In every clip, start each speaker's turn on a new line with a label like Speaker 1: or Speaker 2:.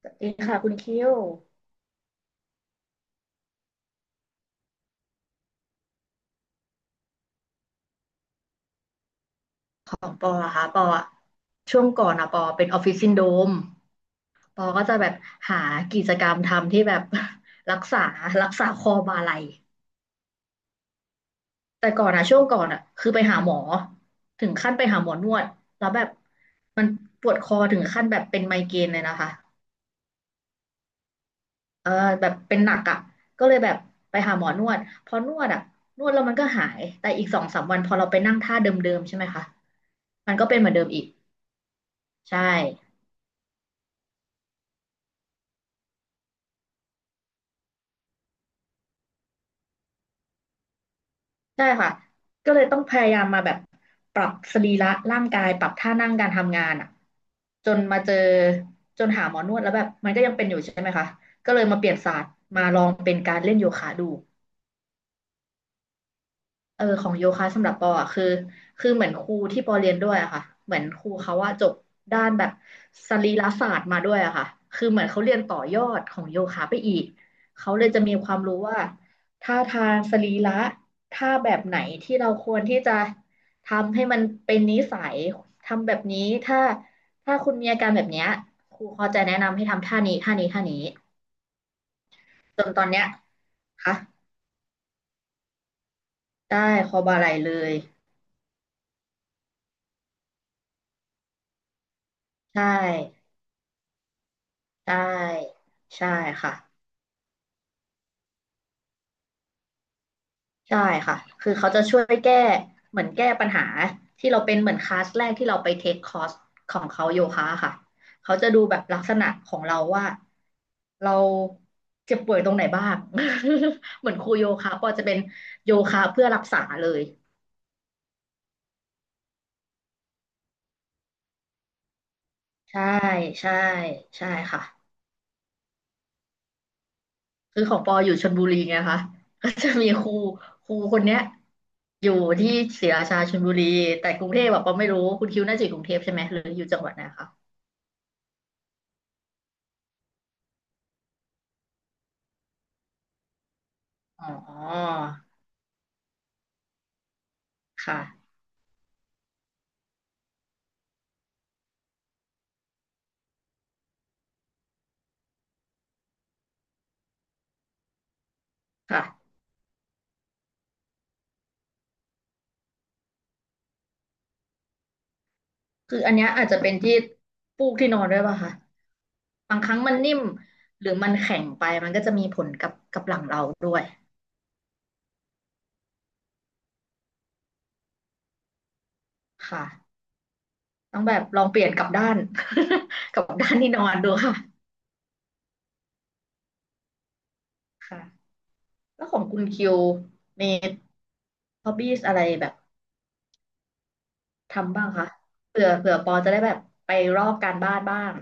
Speaker 1: สวัสดีค่ะคุณคิวของปออะค่ะปออะช่วงก่อนอะปอเป็นออฟฟิศซินโดรมปอก็จะแบบหากิจกรรมทำที่แบบ รักษารักษาคอบ่าไหล่แต่ก่อนอะช่วงก่อนอะคือไปหาหมอถึงขั้นไปหาหมอนวดแล้วแบบมันปวดคอถึงขั้นแบบเป็นไมเกรนเลยนะคะเออแบบเป็นหนักอะก็เลยแบบไปหาหมอนวดพอนวดอะนวดแล้วมันก็หายแต่อีก2-3 วันพอเราไปนั่งท่าเดิมๆใช่ไหมคะมันก็เป็นเหมือนเดิมอีกใช่ ใช่ค่ะ ก็เลยต้องพยายามมาแบบปรับสรีระร่างกายปรับท่านั่งการทำงานอ่ะจนมาเจอจนหาหมอนวดแล้วแบบมันก็ยังเป็นอยู่ใช่ไหมคะ ก็เลยมาเปลี่ยนศาสตร์มาลองเป็นการเล่นโยคะดู เออของโยคะสำหรับปออ่ะคือคือเหมือนครูที่ปอเรียนด้วยอะค่ะเหมือนครูเขาว่าจบด้านแบบสรีรศาสตร์มาด้วยอะค่ะคือเหมือนเขาเรียนต่อยอดของโยคะไปอีกเขาเลยจะมีความรู้ว่าท่าทางสรีระท่าแบบไหนที่เราควรที่จะทำให้มันเป็นนิสัยทำแบบนี้ถ้าถ้าคุณมีอาการแบบเนี้ยครูเขาจะแนะนำให้ทำท่านี้ท่านี้ท่านี้จนตอนเนี้ยค่ะได้คอบาไหล่เลยใช่ ใช่ใช่ค่ะใช่ค่ะคือเขาจะช่วยแก้เหมือนแก้ปัญหาที่เราเป็นเหมือนคลาสแรกที่เราไปเทคคอร์สของเขาโยคะค่ะเขาจะดูแบบลักษณะของเราว่าเราเจ็บป่วยตรงไหนบ้าง เหมือนครูโยคะก็จะเป็นโยคะเพื่อรักษาเลยใช่ใช่ใช่ค่ะ คือของปออยู่ชลบุรีไงคะก็จะมีครูคนเนี้ยอยู่ที่ศรีราชาชลบุรีแต่กรุงเทพแบบปอไม่รู้คุณคิวน่าจะอยู่กรุงเทพใช่ไหมหรืออยู่จังหวัดไหนคะอ๋อค่ะค่ะคืออันเนี้ยอาจจะเป็นที่ปูกที่นอนด้วยป่ะคะบางครั้งมันนิ่มหรือมันแข็งไปมันก็จะมีผลกับหลังเราด้วยค่ะต้องแบบลองเปลี่ยนกลับด้าน กลับด้านที่นอนดูค่ะค่ะแล้วของคุณคิวมีฮอบบี้อะไรแบบ ทำบ้างคะเผื่อปอจะได้แบบไปรอบการบ้านบ้าง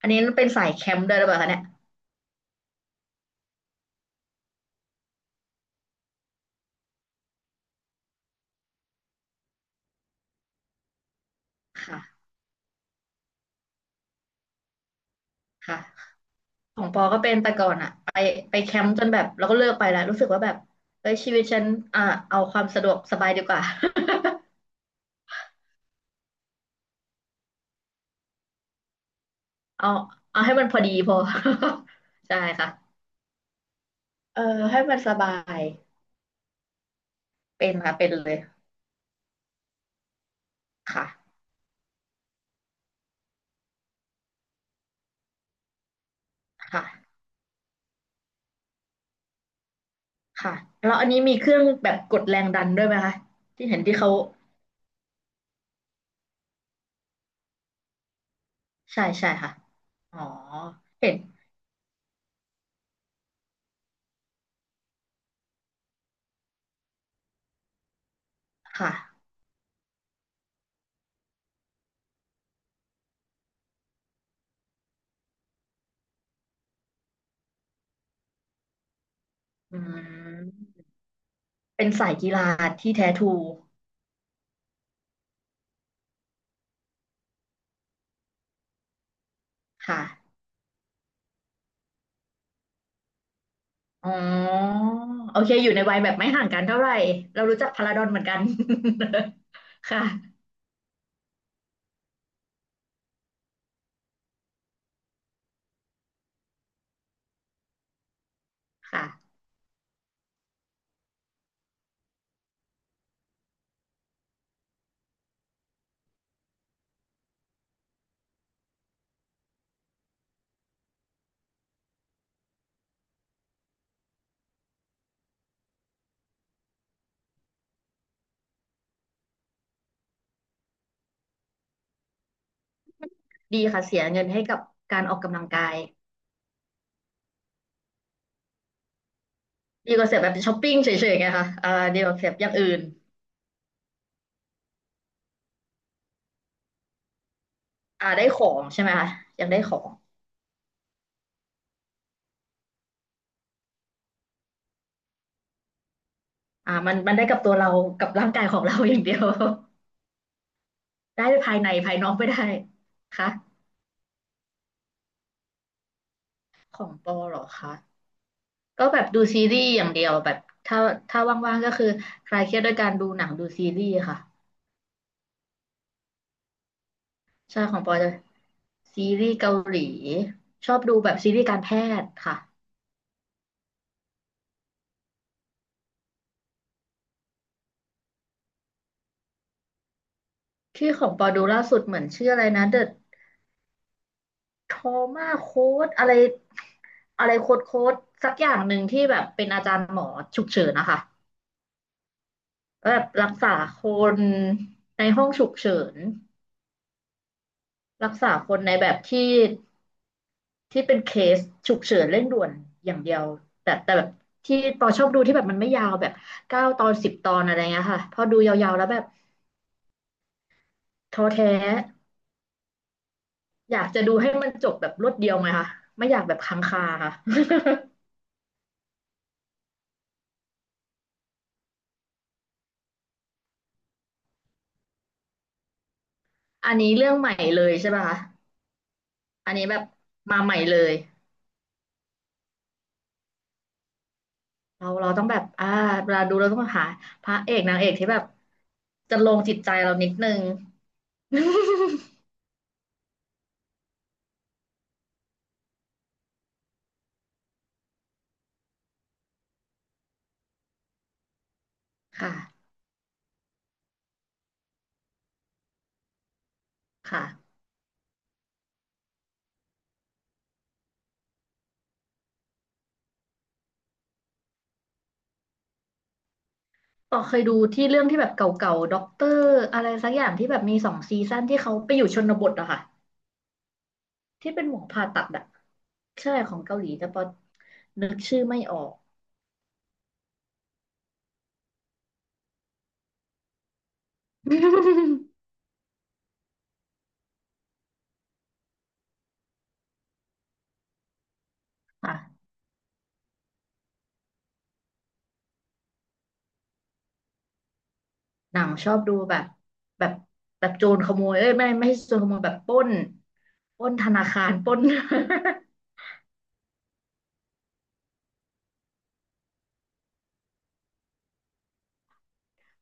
Speaker 1: อันนี้เป็นสายแคมป์ด้วยหรือเปล่าคะเนี่ยค่ะค่ะของปอก็เป็นแต่ก่อนอะไปไปแคมป์จนแบบเราก็เลิกไปแล้วรู้สึกว่าแบบเฮ้ยชีวิตฉันอ่ะเอาความสะดวกสบายดีกว่า เอาเอาให้มันพอดีพอ ใช่ค่ะเออให้มันสบายเป็นค่ะเป็นเลย ค่ะ ค่ะ ค่ะแล้วอันนี้มีเครื่องแบบกดแรงดันด้วยไหมคะที่เห็นที่เขา ใช่ใช่ค่ะ อ๋อเห็น ค่ะอืมเป็นสายกีฬาที่แท้ทรูค่ะอ๋อโอเคอยู่ในวัยแบบไม่ห่างกันเท่าไหร่เรารู้จักพาราดอนเหมือนกัน ค่ะค่ะดีค่ะเสียเงินให้กับการออกกำลังกายดีกว่าเสียแบบช้อปปิ้งเฉยๆไงคะอ่าดีกว่าเสียอย่างอื่นอ่าได้ของใช่ไหมคะ ยังได้ของอ่ามันมันได้กับตัวเรากับร่างกายของเรา อย่างเดียว ได้ภายในภายนอกไม่ได้ค่ะของปอเหรอคะ ก็แบบดูซีรีส์อย่างเดียวแบบถ้าถ้าว่างๆก็คือคลายเครียดด้วยการดูหนังดูซีรีส์ค่ะใช่ของปอจะซีรีส์เกาหลีชอบดูแบบซีรีส์การแพทย์ค่ะที่ของปอดูล่าสุดเหมือนชื่ออะไรนะ The Trauma Code อะไรอะไรโค้ดสักอย่างหนึ่งที่แบบเป็นอาจารย์หมอฉุกเฉินนะคะแล้วแบบรักษาคนในห้องฉุกเฉิน รักษาคนในแบบที่เป็นเคสฉุกเฉินเร่งด่วนอย่างเดียวแต่แบบที่ปอชอบดูที่แบบมันไม่ยาวแบบ9 ตอน 10 ตอนอะไรเงี้ยค่ะพอดูยาวๆแล้วแบบท้อแท้อยากจะดูให้มันจบแบบรวดเดียวไงคะไม่อยากแบบค้างคาค่ะ อันนี้เรื่องใหม่เลยใช่ป่ะคะอันนี้แบบมาใหม่เลยเราต้องแบบอ่าเวลาดูเราต้องหาพระเอกนางเอกที่แบบจะลงจิตใจเรานิดนึง ค่ะค่ะ ต่อเคยดูที่เรื่องที่แบบเก่าๆด็อกเตอร์อะไรสักอย่างที่แบบมี2 ซีซั่นที่เขาไปอยู่ชนบทอะค่ะที่เป็นหมอผ่าตัดอะใช่ของเกาหลีแต่พอนึกชื่อไม่ออก ค่ะหนังชอบดูแบบแบบแบบโจรขโมยเอ้ยไม่ใช่โจรขโมยแบบปล้นปล้นธนาคารปล้น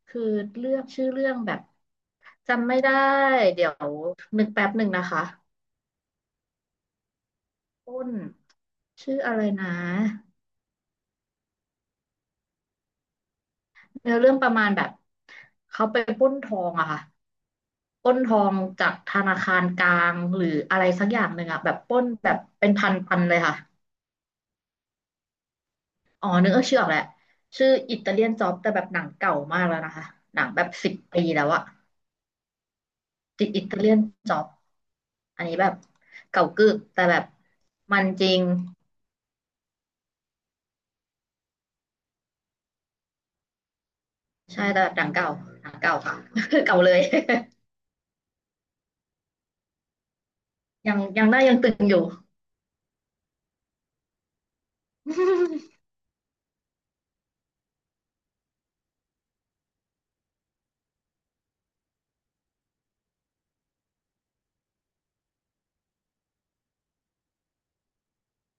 Speaker 1: คือเลือกชื่อเรื่องแบบจำไม่ได้เดี๋ยวนึกแป๊บหนึ่งนะคะปล้นชื่ออะไรนะ เนื้อเรื่องประมาณแบบเขาไปปล้นทองอะค่ะปล้นทองจากธนาคารกลางหรืออะไรสักอย่างหนึ่งอะแบบปล้นแบบเป็นพันพันเลยค่ะอ๋อนึกเออชื่อออกแหละชื่ออิตาเลียนจ็อบแต่แบบหนังเก่ามากแล้วนะคะหนังแบบ10 ปีแล้วอะติดอิตาเลียนจ็อบอันนี้แบบเก่ากึกแต่แบบมันจริงใช่แต่แบบหนังเก่าหนังเก่าค่ะ เก่าเลย ยังหน้ายังตึงอยู่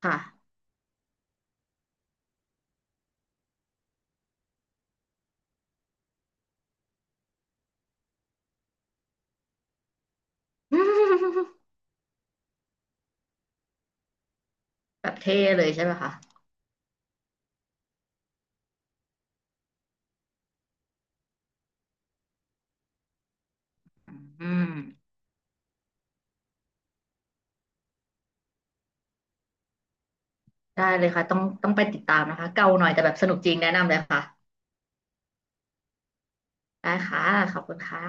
Speaker 1: ค่ะ แบบเท่เลยใช่ไหมคะ อืมได้เลยค่ะต้องไปติดตามนะคะเก่าหน่อยแต่แบบสนุกจริงแนะนำเลยค่ะได้ค่ะขอบคุณค่ะ